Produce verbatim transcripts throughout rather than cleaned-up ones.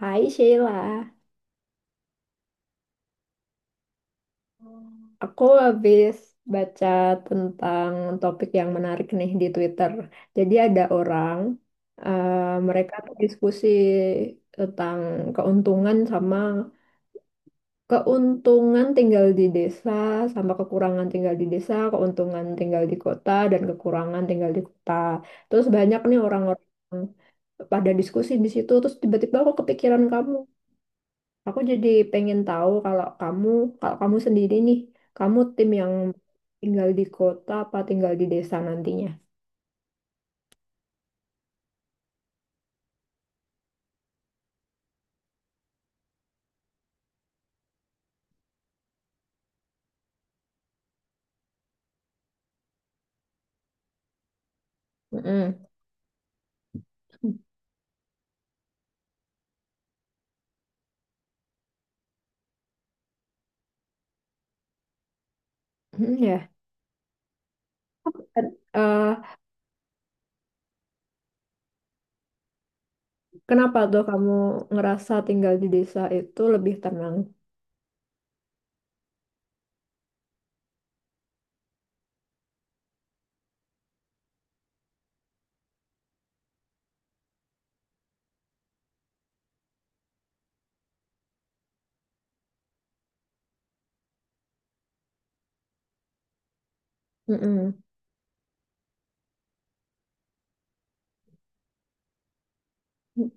Hai Sheila, aku habis baca tentang topik yang menarik nih di Twitter. Jadi ada orang, eh, mereka tuh diskusi tentang keuntungan sama keuntungan tinggal di desa, sama kekurangan tinggal di desa, keuntungan tinggal di kota, dan kekurangan tinggal di kota. Terus banyak nih orang-orang pada diskusi di situ, terus tiba-tiba aku kepikiran kamu. Aku jadi pengen tahu kalau kamu, kalau kamu sendiri nih, kamu tim yang tinggal di kota apa tinggal di desa nantinya? Mm-mm. Mm, ya. Ken- eh, Kenapa tuh kamu ngerasa tinggal di desa itu lebih tenang? Mm-mm. Mm,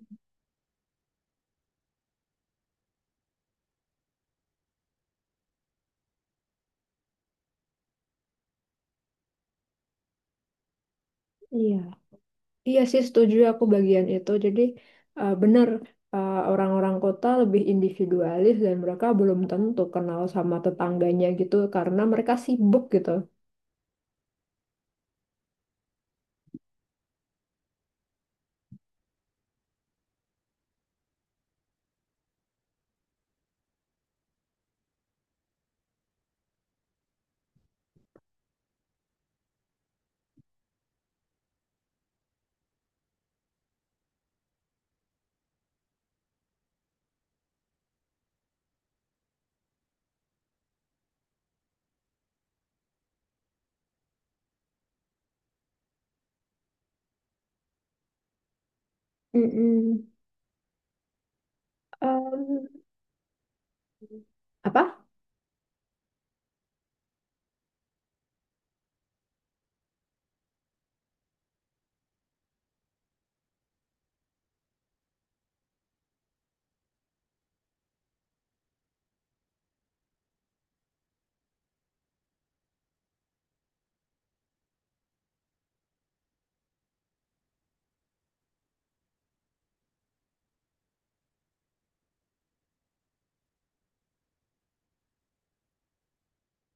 Iya, iya sih setuju aku bagian itu. Jadi eh, benar eh, orang-orang kota lebih individualis dan mereka belum tentu kenal sama tetangganya gitu karena mereka sibuk gitu. Mm-mm. Apa?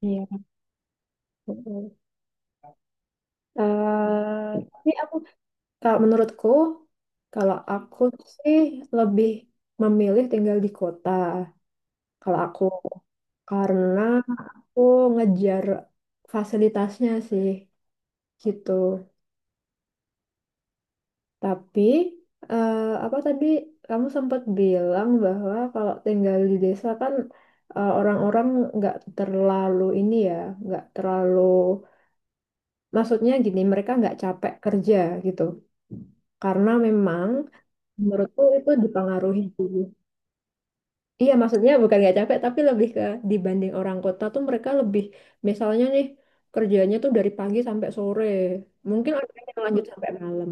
Iya. Betul. Eh, tapi aku kalau menurutku, kalau aku sih lebih memilih tinggal di kota, kalau aku karena aku ngejar fasilitasnya sih gitu. Tapi eh, apa tadi kamu sempat bilang bahwa kalau tinggal di desa kan eh, orang-orang nggak terlalu ini ya, nggak terlalu maksudnya gini mereka nggak capek kerja gitu. Karena memang menurutku itu dipengaruhi. Iya maksudnya bukan nggak capek tapi lebih ke dibanding orang kota tuh mereka lebih misalnya nih kerjanya tuh dari pagi sampai sore. Mungkin ada yang lanjut sampai malam.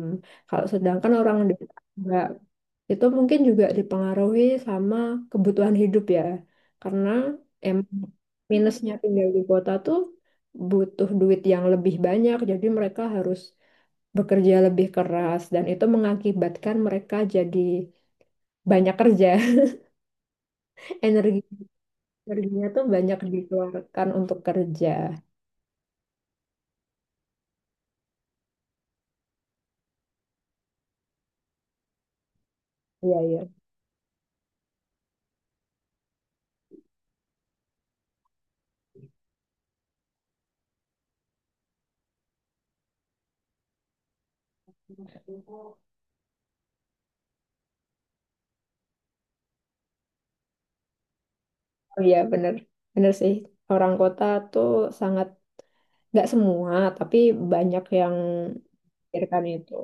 Kalau sedangkan orang desa nggak. Itu mungkin juga dipengaruhi sama kebutuhan hidup ya. Karena em minusnya tinggal di kota tuh butuh duit yang lebih banyak. Jadi mereka harus bekerja lebih keras dan itu mengakibatkan mereka jadi banyak kerja. Energi energinya tuh banyak dikeluarkan untuk kerja. Iya, iya. Oh iya, bener. Bener sih. Orang kota tuh sangat, nggak semua, tapi banyak yang pikirkan itu.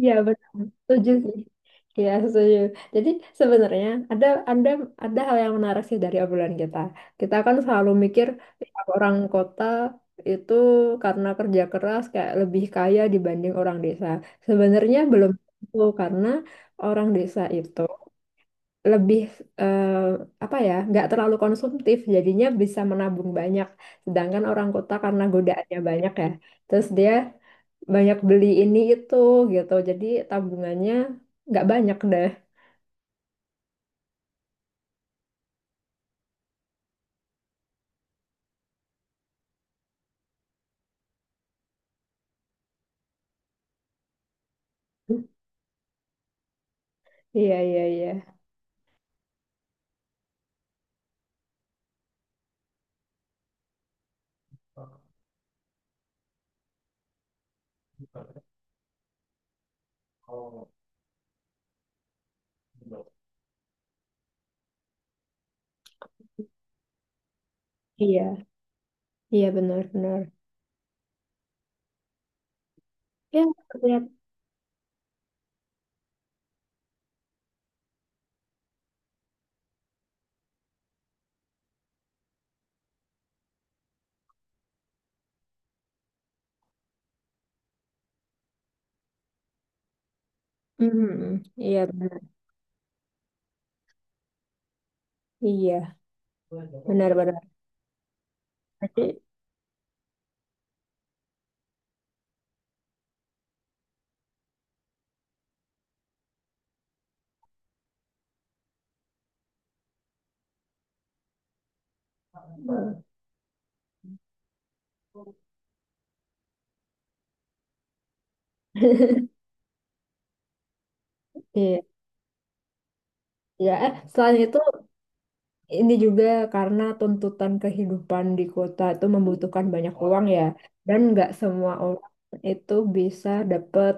Iya betul, setuju sih. Iya setuju. Jadi sebenarnya ada ada ada hal yang menarik sih dari obrolan kita. Kita kan selalu mikir, "Ih, orang kota itu karena kerja keras kayak lebih kaya dibanding orang desa. Sebenarnya belum tentu karena orang desa itu lebih eh, apa ya nggak terlalu konsumtif jadinya bisa menabung banyak, sedangkan orang kota karena godaannya banyak ya terus dia banyak beli ini itu gitu jadi tabungannya nggak banyak deh. Iya, iya, iya, iya, iya. Benar, benar. Ya. Lihat. Mhm. Iya, benar. Iya, benar, benar. Jadi, iya, ya. eh, Selain itu, ini juga karena tuntutan kehidupan di kota itu membutuhkan banyak uang ya, dan nggak semua orang itu bisa dapat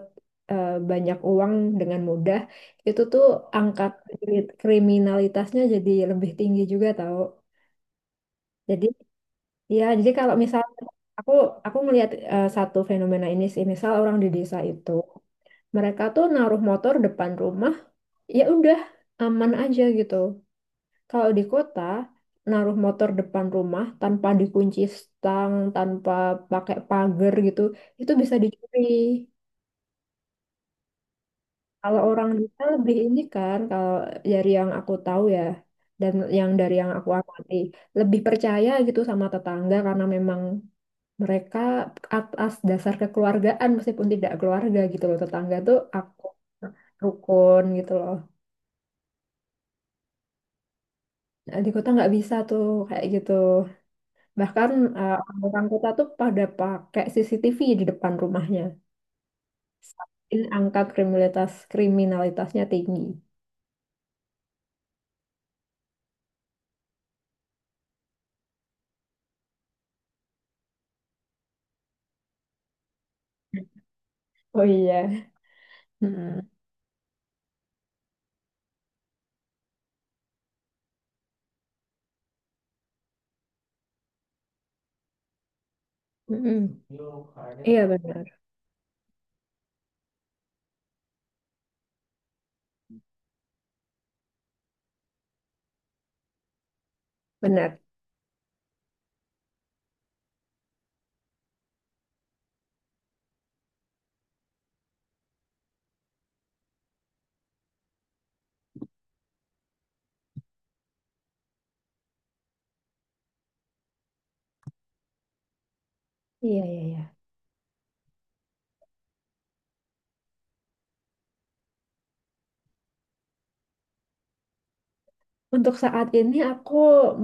banyak uang dengan mudah. Itu tuh angka kri- kriminalitasnya jadi lebih tinggi juga tahu. Jadi ya, jadi kalau misal aku aku melihat eh, satu fenomena ini sih, misal orang di desa itu mereka tuh naruh motor depan rumah, ya udah aman aja gitu. Kalau di kota, naruh motor depan rumah tanpa dikunci stang, tanpa pakai pagar gitu, itu bisa dicuri. Kalau orang desa lebih ini kan, kalau dari yang aku tahu ya, dan yang dari yang aku amati, lebih percaya gitu sama tetangga karena memang mereka atas dasar kekeluargaan meskipun tidak keluarga gitu loh, tetangga tuh aku rukun gitu loh. Nah, di kota nggak bisa tuh kayak gitu. Bahkan eh, orang kota tuh pada pakai C C T V di depan rumahnya. Saking angka kriminalitas kriminalitasnya tinggi. Oh iya. Mm-mm. Mm-mm. Iya benar, benar. Iya, iya, iya. Untuk saat ini aku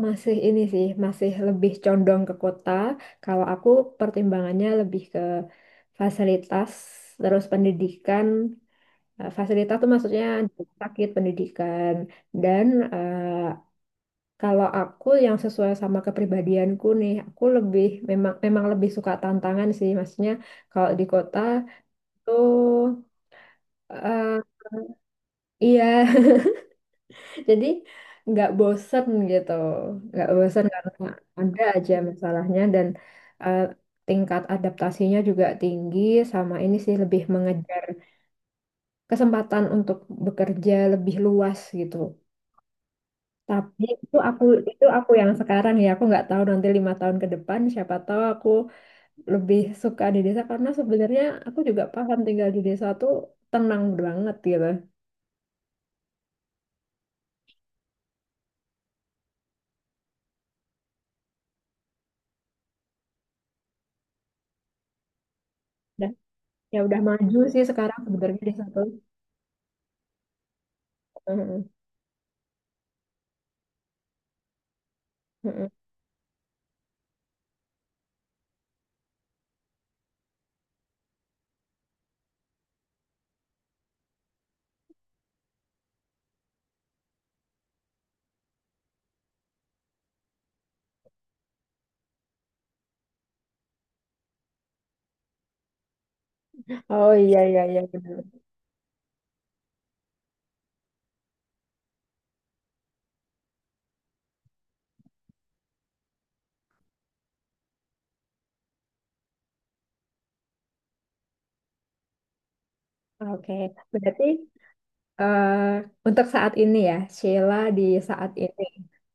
masih ini sih, masih lebih condong ke kota. Kalau aku pertimbangannya lebih ke fasilitas, terus pendidikan. Eh, Fasilitas tuh maksudnya rumah sakit, pendidikan, dan eh, kalau aku yang sesuai sama kepribadianku nih, aku lebih memang memang lebih suka tantangan sih, maksudnya kalau di kota tuh eh, iya, jadi nggak bosen gitu, nggak bosen karena ada aja masalahnya dan eh, tingkat adaptasinya juga tinggi, sama ini sih lebih mengejar kesempatan untuk bekerja lebih luas gitu. Tapi itu aku itu aku yang sekarang ya, aku nggak tahu nanti lima tahun ke depan siapa tahu aku lebih suka di desa karena sebenarnya aku juga paham tinggal di desa tuh tenang banget gitu. Dan ya udah maju sih sekarang sebenarnya desa tuh. Heeh, heeh. Oh iya, iya, iya, benar. Oke, berarti eh, untuk saat ini ya Sheila, di saat ini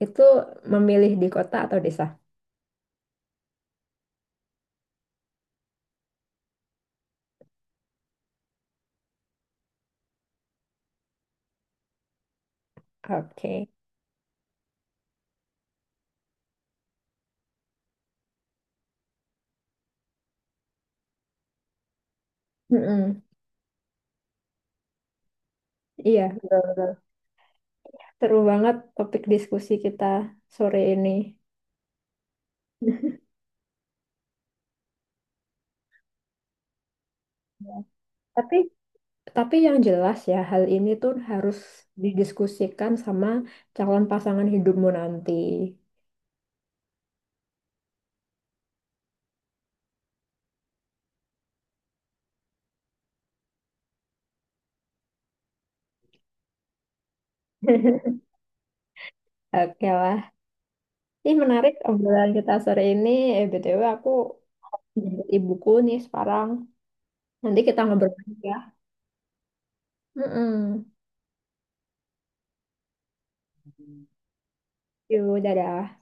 itu memilih di kota atau desa? Oke. Heeh. Iya, betul, betul. Seru banget topik diskusi kita sore ini. Tapi Tapi yang jelas ya, hal ini tuh harus didiskusikan sama calon pasangan hidupmu nanti. Oke lah. Ini menarik obrolan kita sore ini. Eh, B T W aku jemput ibuku nih sekarang. Nanti kita ngobrol lagi ya. Mm-mm. Yuk, dadah.